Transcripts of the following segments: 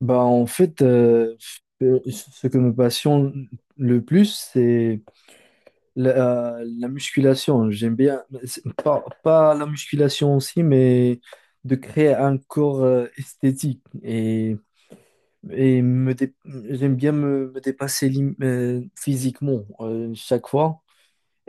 Bah, en fait, ce que me passionne le plus, c'est la musculation. J'aime bien, c'est pas la musculation aussi, mais de créer un corps esthétique. Et j'aime bien me dépasser physiquement chaque fois.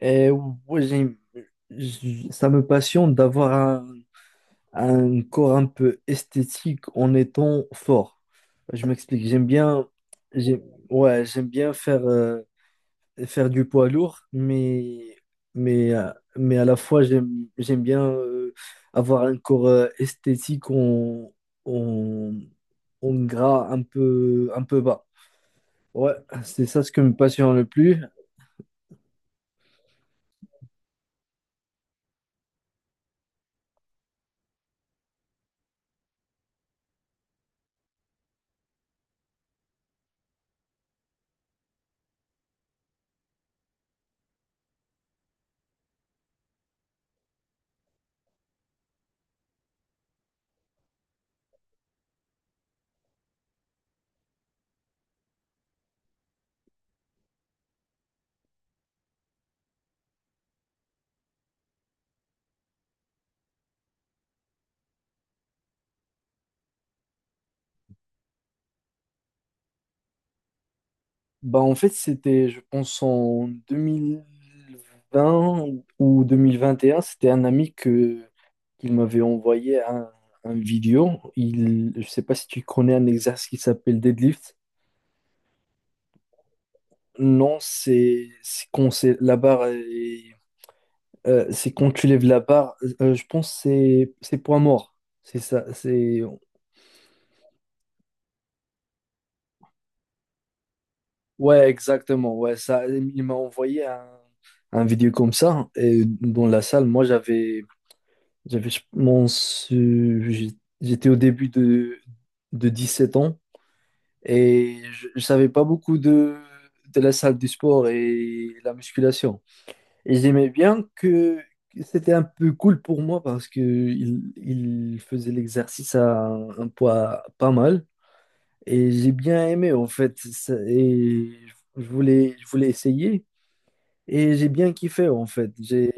Et ouais, ça me passionne d'avoir un corps un peu esthétique en étant fort. Je m'explique, j'aime, ouais, j'aime bien faire du poids lourd, mais à la fois, j'aime bien avoir un corps esthétique en, en gras un peu bas. Ouais, c'est ça ce qui me passionne le plus. Bah, en fait, c'était, je pense, en 2020 ou 2021, c'était un ami qu'il m'avait envoyé un vidéo. Je sais pas si tu connais un exercice qui s'appelle deadlift. Non, c'est quand c'est la barre c'est quand tu lèves la barre, je pense que c'est poids mort. C'est ça, c'est ouais, exactement. Ouais, ça il m'a envoyé un vidéo comme ça et dans la salle, moi j'avais j'avais, je pense, j'étais au début de 17 ans et je savais pas beaucoup de la salle du sport et la musculation. Et j'aimais bien que c'était un peu cool pour moi parce que il faisait l'exercice à un poids pas mal et j'ai bien aimé en fait. Et je voulais essayer. Et j'ai bien kiffé en fait. J'ai,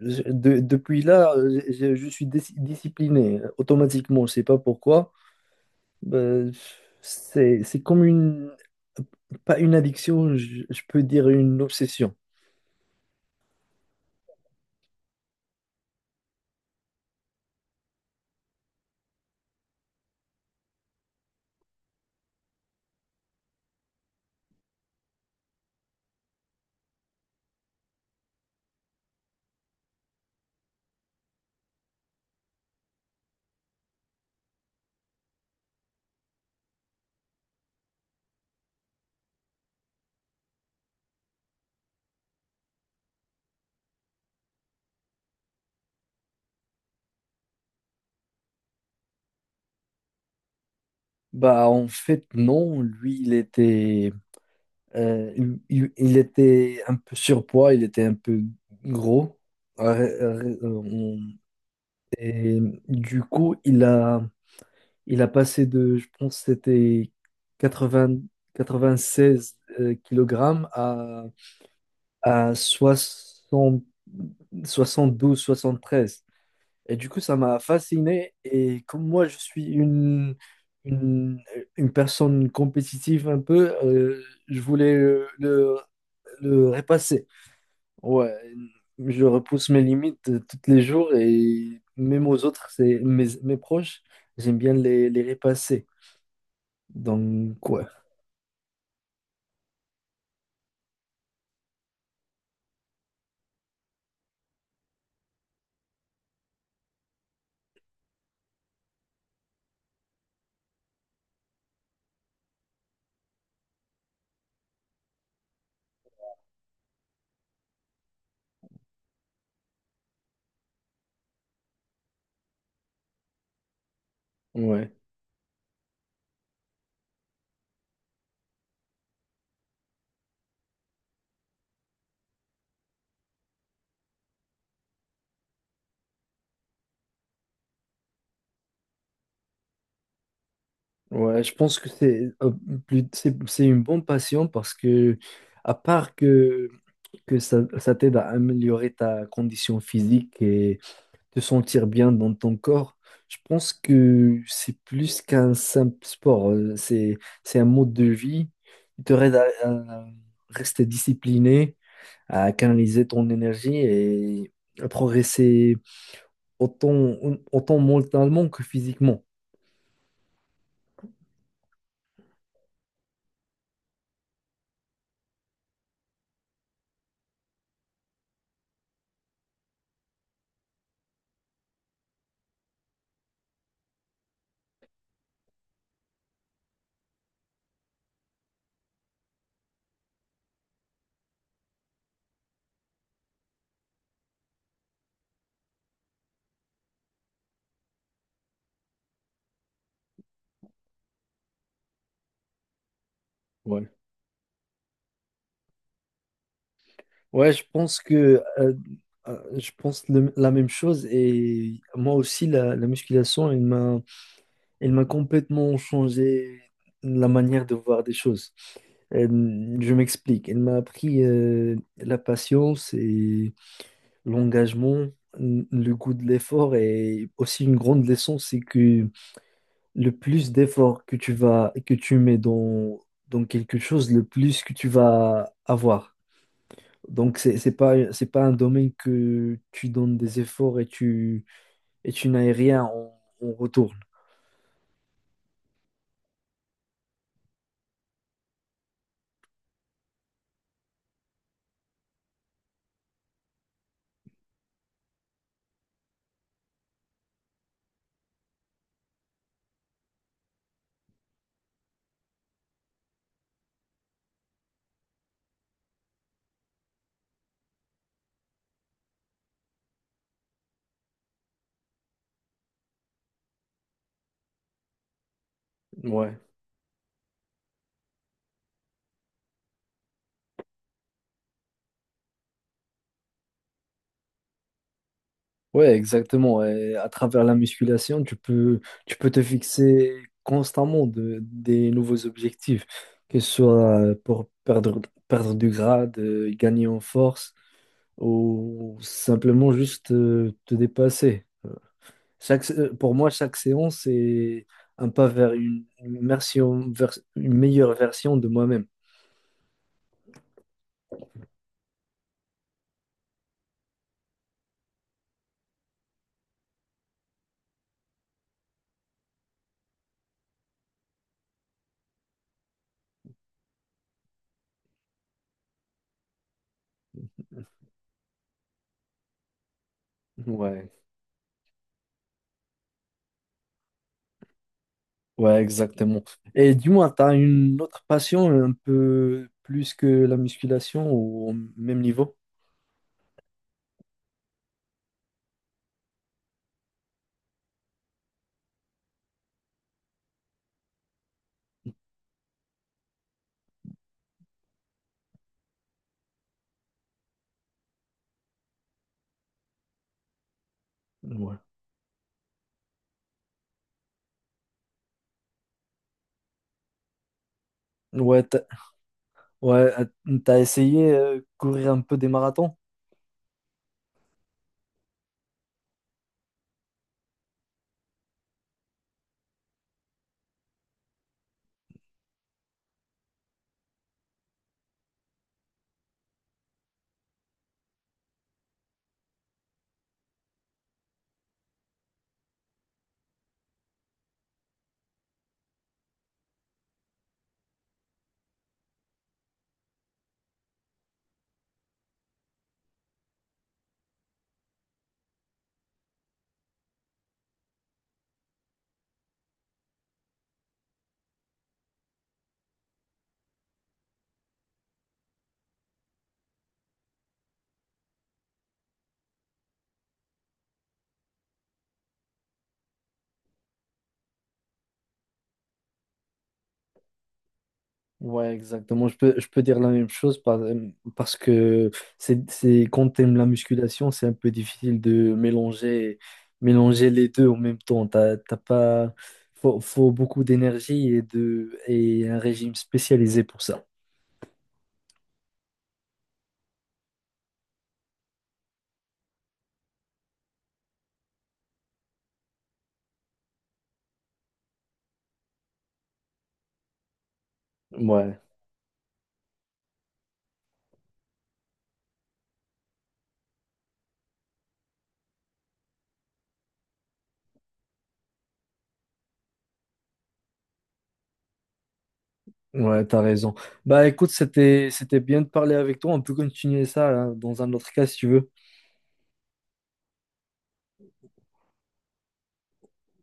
j'ai- de- Depuis là, je suis discipliné automatiquement. Je sais pas pourquoi. Euh, c'est comme pas une addiction, je peux dire une obsession. Bah en fait non, lui il était, euh, il était un peu surpoids, il était un peu gros. Euh, euh, euh, Et du coup il a passé de, je pense, que c'était 80, 96 kilogrammes à 72 73. Et du coup, ça m'a fasciné. Et comme moi, je suis une, une personne compétitive un peu. Je voulais le repasser. Ouais, je repousse mes limites tous les jours et même aux autres, c'est mes proches, j'aime bien les repasser. Donc, ouais, ouais, ouais, je pense que c'est c'est une bonne passion parce que, à part que ça t'aide à améliorer ta condition physique et te sentir bien dans ton corps, je pense que c'est plus qu'un simple sport. C'est un mode de vie qui te aide à rester discipliné, à canaliser ton énergie et à progresser autant, autant mentalement que physiquement. Ouais, je pense que je pense la même chose et moi aussi la musculation, elle m'a complètement changé la manière de voir des choses. Euh, je m'explique, elle m'a appris la patience et l'engagement, le goût de l'effort et aussi une grande leçon, c'est que le plus d'efforts que tu mets dans quelque chose, le plus que tu vas avoir. Donc, c'est pas un domaine que tu donnes des efforts et et tu n'as rien en retour. Ouais. Ouais, exactement. Et à travers la musculation, tu peux te fixer constamment des nouveaux objectifs, que ce soit pour perdre du gras, de gagner en force ou simplement juste te dépasser. Pour moi, chaque séance, c'est un pas vers une version, une meilleure version de moi-même. Ouais, ouais, exactement. Et dis-moi, tu as une autre passion un peu plus que la musculation ou au même niveau? Ouais. Ouais, ouais, t'as essayé courir un peu des marathons? Ouais, exactement. Je peux dire la même chose parce que quand t'aimes la musculation, c'est un peu difficile de mélanger les deux en même temps. T'as pas, faut beaucoup d'énergie et et un régime spécialisé pour ça. Ouais. Ouais, t'as raison. Bah écoute, c'était bien de parler avec toi. On peut continuer ça hein, dans un autre cas si tu veux.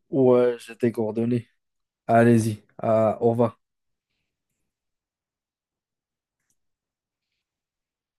Ouais, j'ai tes coordonnées. Allez-y. Ah, au revoir.